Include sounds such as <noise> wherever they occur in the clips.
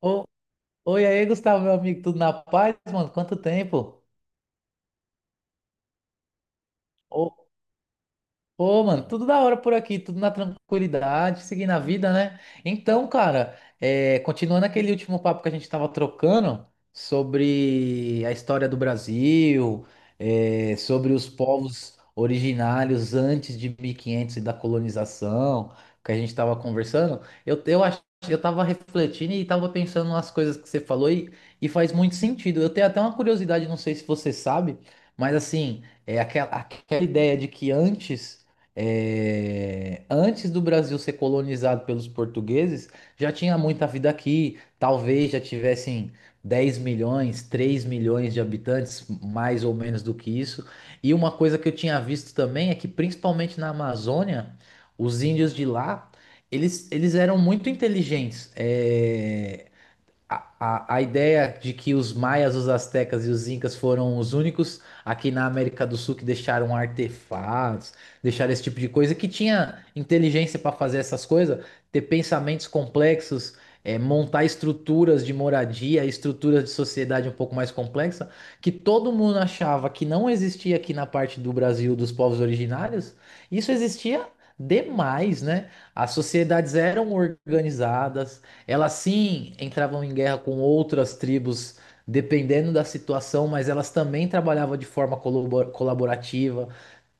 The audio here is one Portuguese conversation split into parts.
Ô, oi aí, Gustavo, meu amigo, tudo na paz, mano? Quanto tempo? Ô, mano, tudo da hora por aqui, tudo na tranquilidade, seguindo a vida, né? Então, cara, continuando aquele último papo que a gente tava trocando sobre a história do Brasil, sobre os povos originários antes de 1500 e quinhentos e da colonização, que a gente tava conversando. Eu acho, eu tava refletindo e tava pensando nas coisas que você falou e faz muito sentido. Eu tenho até uma curiosidade, não sei se você sabe, mas assim, é aquela ideia de que antes antes do Brasil ser colonizado pelos portugueses, já tinha muita vida aqui. Talvez já tivessem 10 milhões, 3 milhões de habitantes, mais ou menos do que isso. E uma coisa que eu tinha visto também é que, principalmente na Amazônia, os índios de lá, eles eram muito inteligentes. É, a ideia de que os maias, os astecas e os incas foram os únicos aqui na América do Sul que deixaram artefatos, deixaram esse tipo de coisa, que tinha inteligência para fazer essas coisas, ter pensamentos complexos, montar estruturas de moradia, estruturas de sociedade um pouco mais complexa, que todo mundo achava que não existia aqui na parte do Brasil dos povos originários, isso existia demais, né? As sociedades eram organizadas, elas sim entravam em guerra com outras tribos, dependendo da situação, mas elas também trabalhavam de forma colaborativa,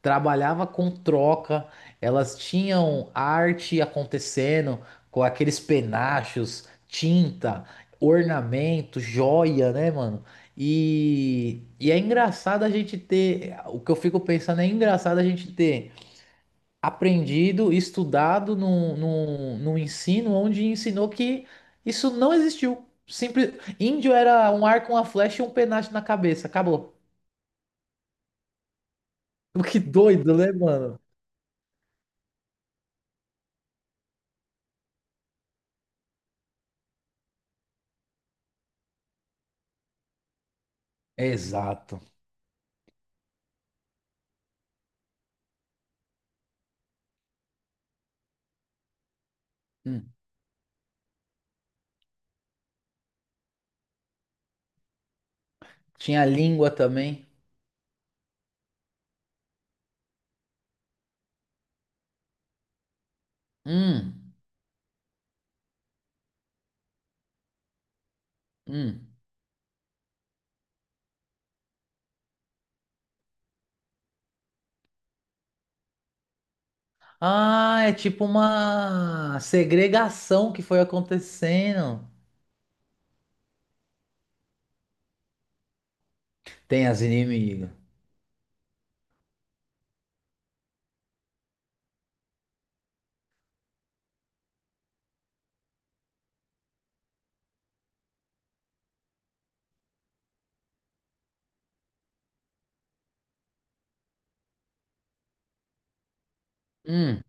trabalhava com troca, elas tinham arte acontecendo com aqueles penachos, tinta, ornamento, joia, né, mano? E é engraçado a gente ter, o que eu fico pensando é engraçado a gente ter aprendido, estudado num ensino onde ensinou que isso não existiu. Simples. Índio era um arco, uma flecha e um penacho na cabeça. Acabou. <laughs> Que doido, né, mano? Exato. Hum. Tinha língua também. Hum, hum. Ah, é tipo uma segregação que foi acontecendo. Tem as inimigas. Hum,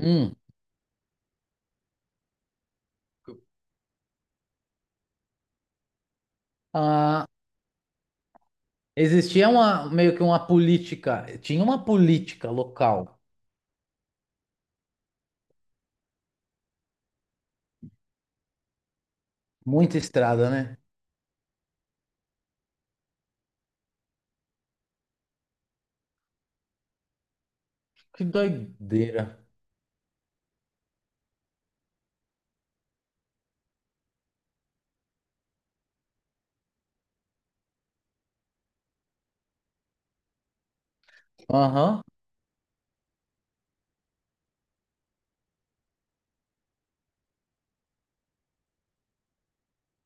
hum. Ah, existia uma, meio que uma política. Tinha uma política local. Muita estrada, né? Que doideira. Aham.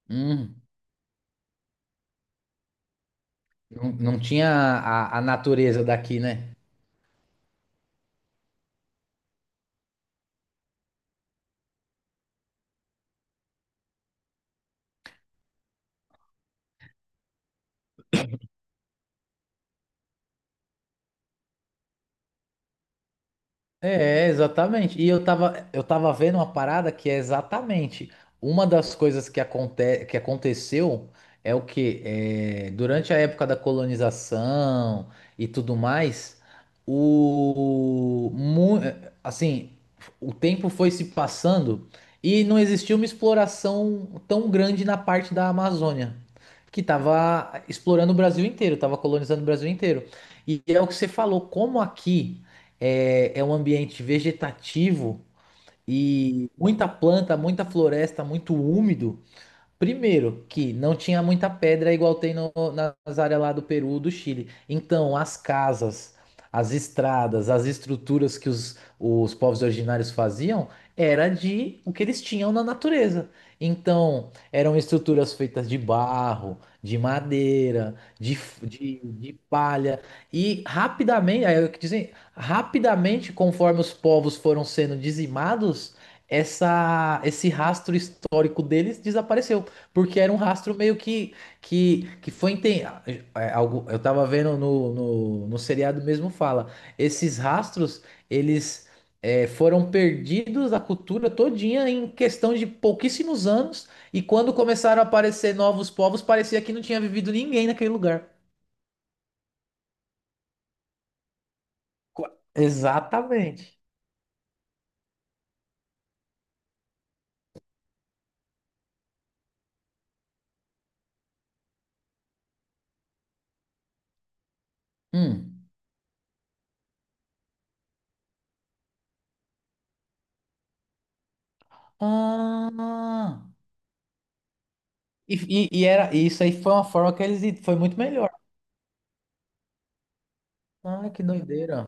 Hum. Não, não tinha a natureza daqui, né? É, exatamente. E eu tava vendo uma parada que é exatamente uma das coisas que aconteceu é o que durante a época da colonização e tudo mais, o mu- assim, o tempo foi se passando e não existiu uma exploração tão grande na parte da Amazônia, que tava explorando o Brasil inteiro, tava colonizando o Brasil inteiro. E é o que você falou, como aqui é um ambiente vegetativo e muita planta, muita floresta, muito úmido. Primeiro, que não tinha muita pedra igual tem nas áreas lá do Peru, do Chile. Então, as casas, as estradas, as estruturas que os povos originários faziam era de o que eles tinham na natureza. Então, eram estruturas feitas de barro, de madeira, de palha. E rapidamente, aí eu que dizer, rapidamente, conforme os povos foram sendo dizimados, esse rastro histórico deles desapareceu. Porque era um rastro meio que algo eu tava vendo no seriado mesmo fala, esses rastros eles foram perdidos da cultura todinha em questão de pouquíssimos anos, e quando começaram a aparecer novos povos parecia que não tinha vivido ninguém naquele lugar. Co- Exatamente. Hum. Ah, e, e era, e isso aí foi uma forma que eles foi muito melhor. Ah, que doideira.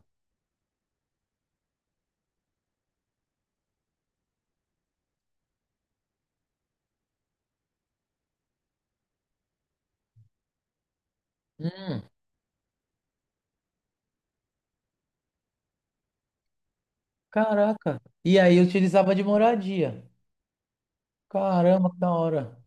Hum. Caraca. E aí eu utilizava de moradia. Caramba, que da hora.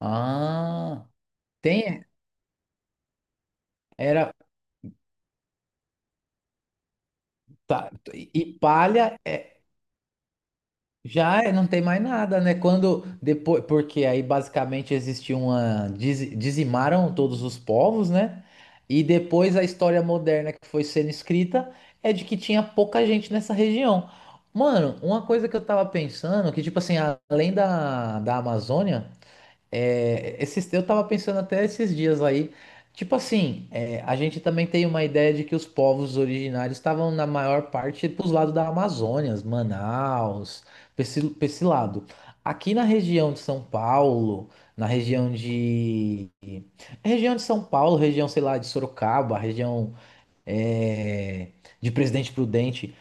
Ah, tem. Era. Tá, e palha é, não tem mais nada, né? Quando depois, porque aí basicamente existia uma dizimaram todos os povos, né? E depois a história moderna que foi sendo escrita é de que tinha pouca gente nessa região. Mano, uma coisa que eu tava pensando, que tipo assim, além da Amazônia. É, esses, eu tava pensando até esses dias aí, tipo assim, é, a gente também tem uma ideia de que os povos originários estavam na maior parte pros lados da Amazônia, Manaus, pra pra esse lado. Aqui na região de São Paulo, na região de... Região de São Paulo, região, sei lá, de Sorocaba, região é, de Presidente Prudente,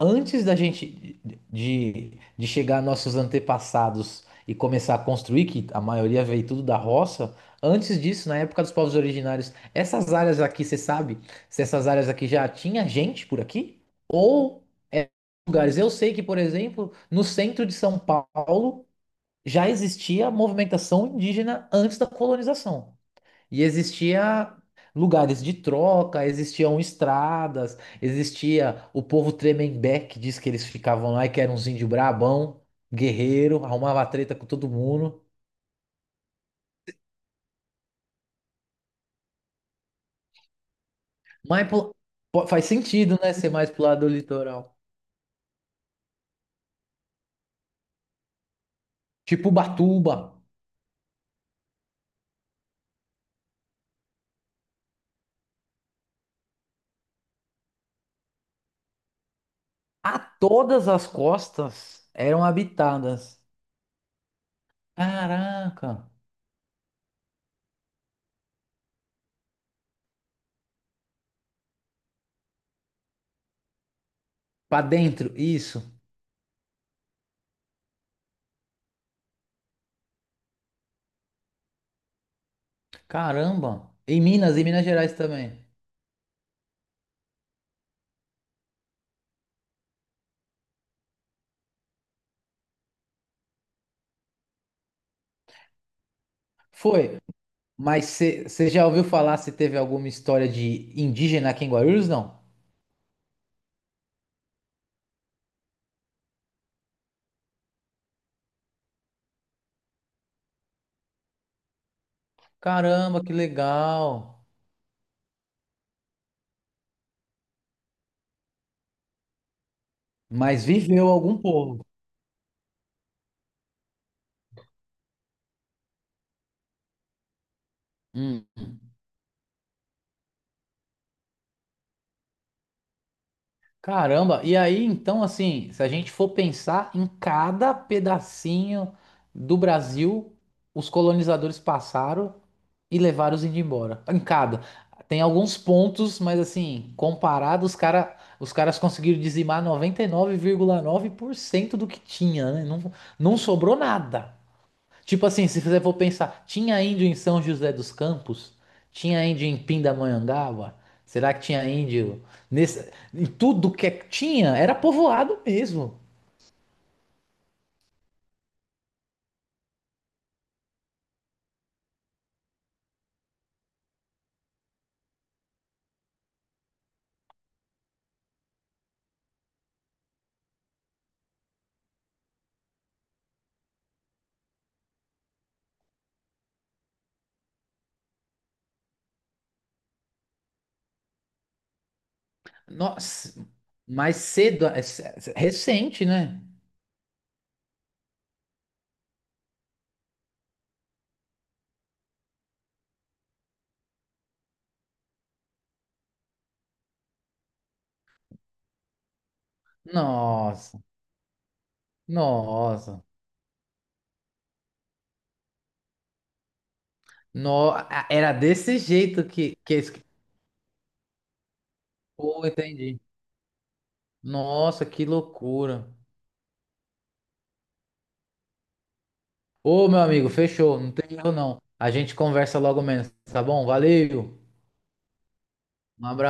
antes da gente de chegar nossos antepassados e começar a construir, que a maioria veio tudo da roça, antes disso, na época dos povos originários, essas áreas aqui, você sabe se essas áreas aqui já tinha gente por aqui? Ou é lugares? Eu sei que, por exemplo, no centro de São Paulo já existia movimentação indígena antes da colonização. E existia lugares de troca, existiam estradas, existia o povo Tremembé, que diz que eles ficavam lá e que era uns índio brabão, guerreiro, arrumava treta com todo mundo. Mas pô, pô, faz sentido, né, ser mais pro lado do litoral. Tipo Ubatuba. A todas as costas eram habitadas. Caraca. Pra dentro, isso. Caramba. Em Minas Gerais também. Foi. Mas você já ouviu falar se teve alguma história de indígena aqui em Guarulhos? Não. Caramba, que legal. Mas viveu algum povo. Hum. Caramba, e aí então, assim, se a gente for pensar em cada pedacinho do Brasil, os colonizadores passaram e levaram os índios embora. Em cada. Tem alguns pontos, mas assim, comparado, os caras conseguiram dizimar 99,9% do que tinha, né? Não, não sobrou nada. Tipo assim, se você for pensar, tinha índio em São José dos Campos? Tinha índio em Pindamonhangaba? Será que tinha índio nesse... em tudo que tinha? Era povoado mesmo. Nossa, mais cedo, é é recente, né? Nossa, nossa. No... a- Era desse jeito Pô, entendi. Nossa, que loucura. Ô, meu amigo, fechou. Não tem erro, não. A gente conversa logo menos, tá bom? Valeu. Um abraço.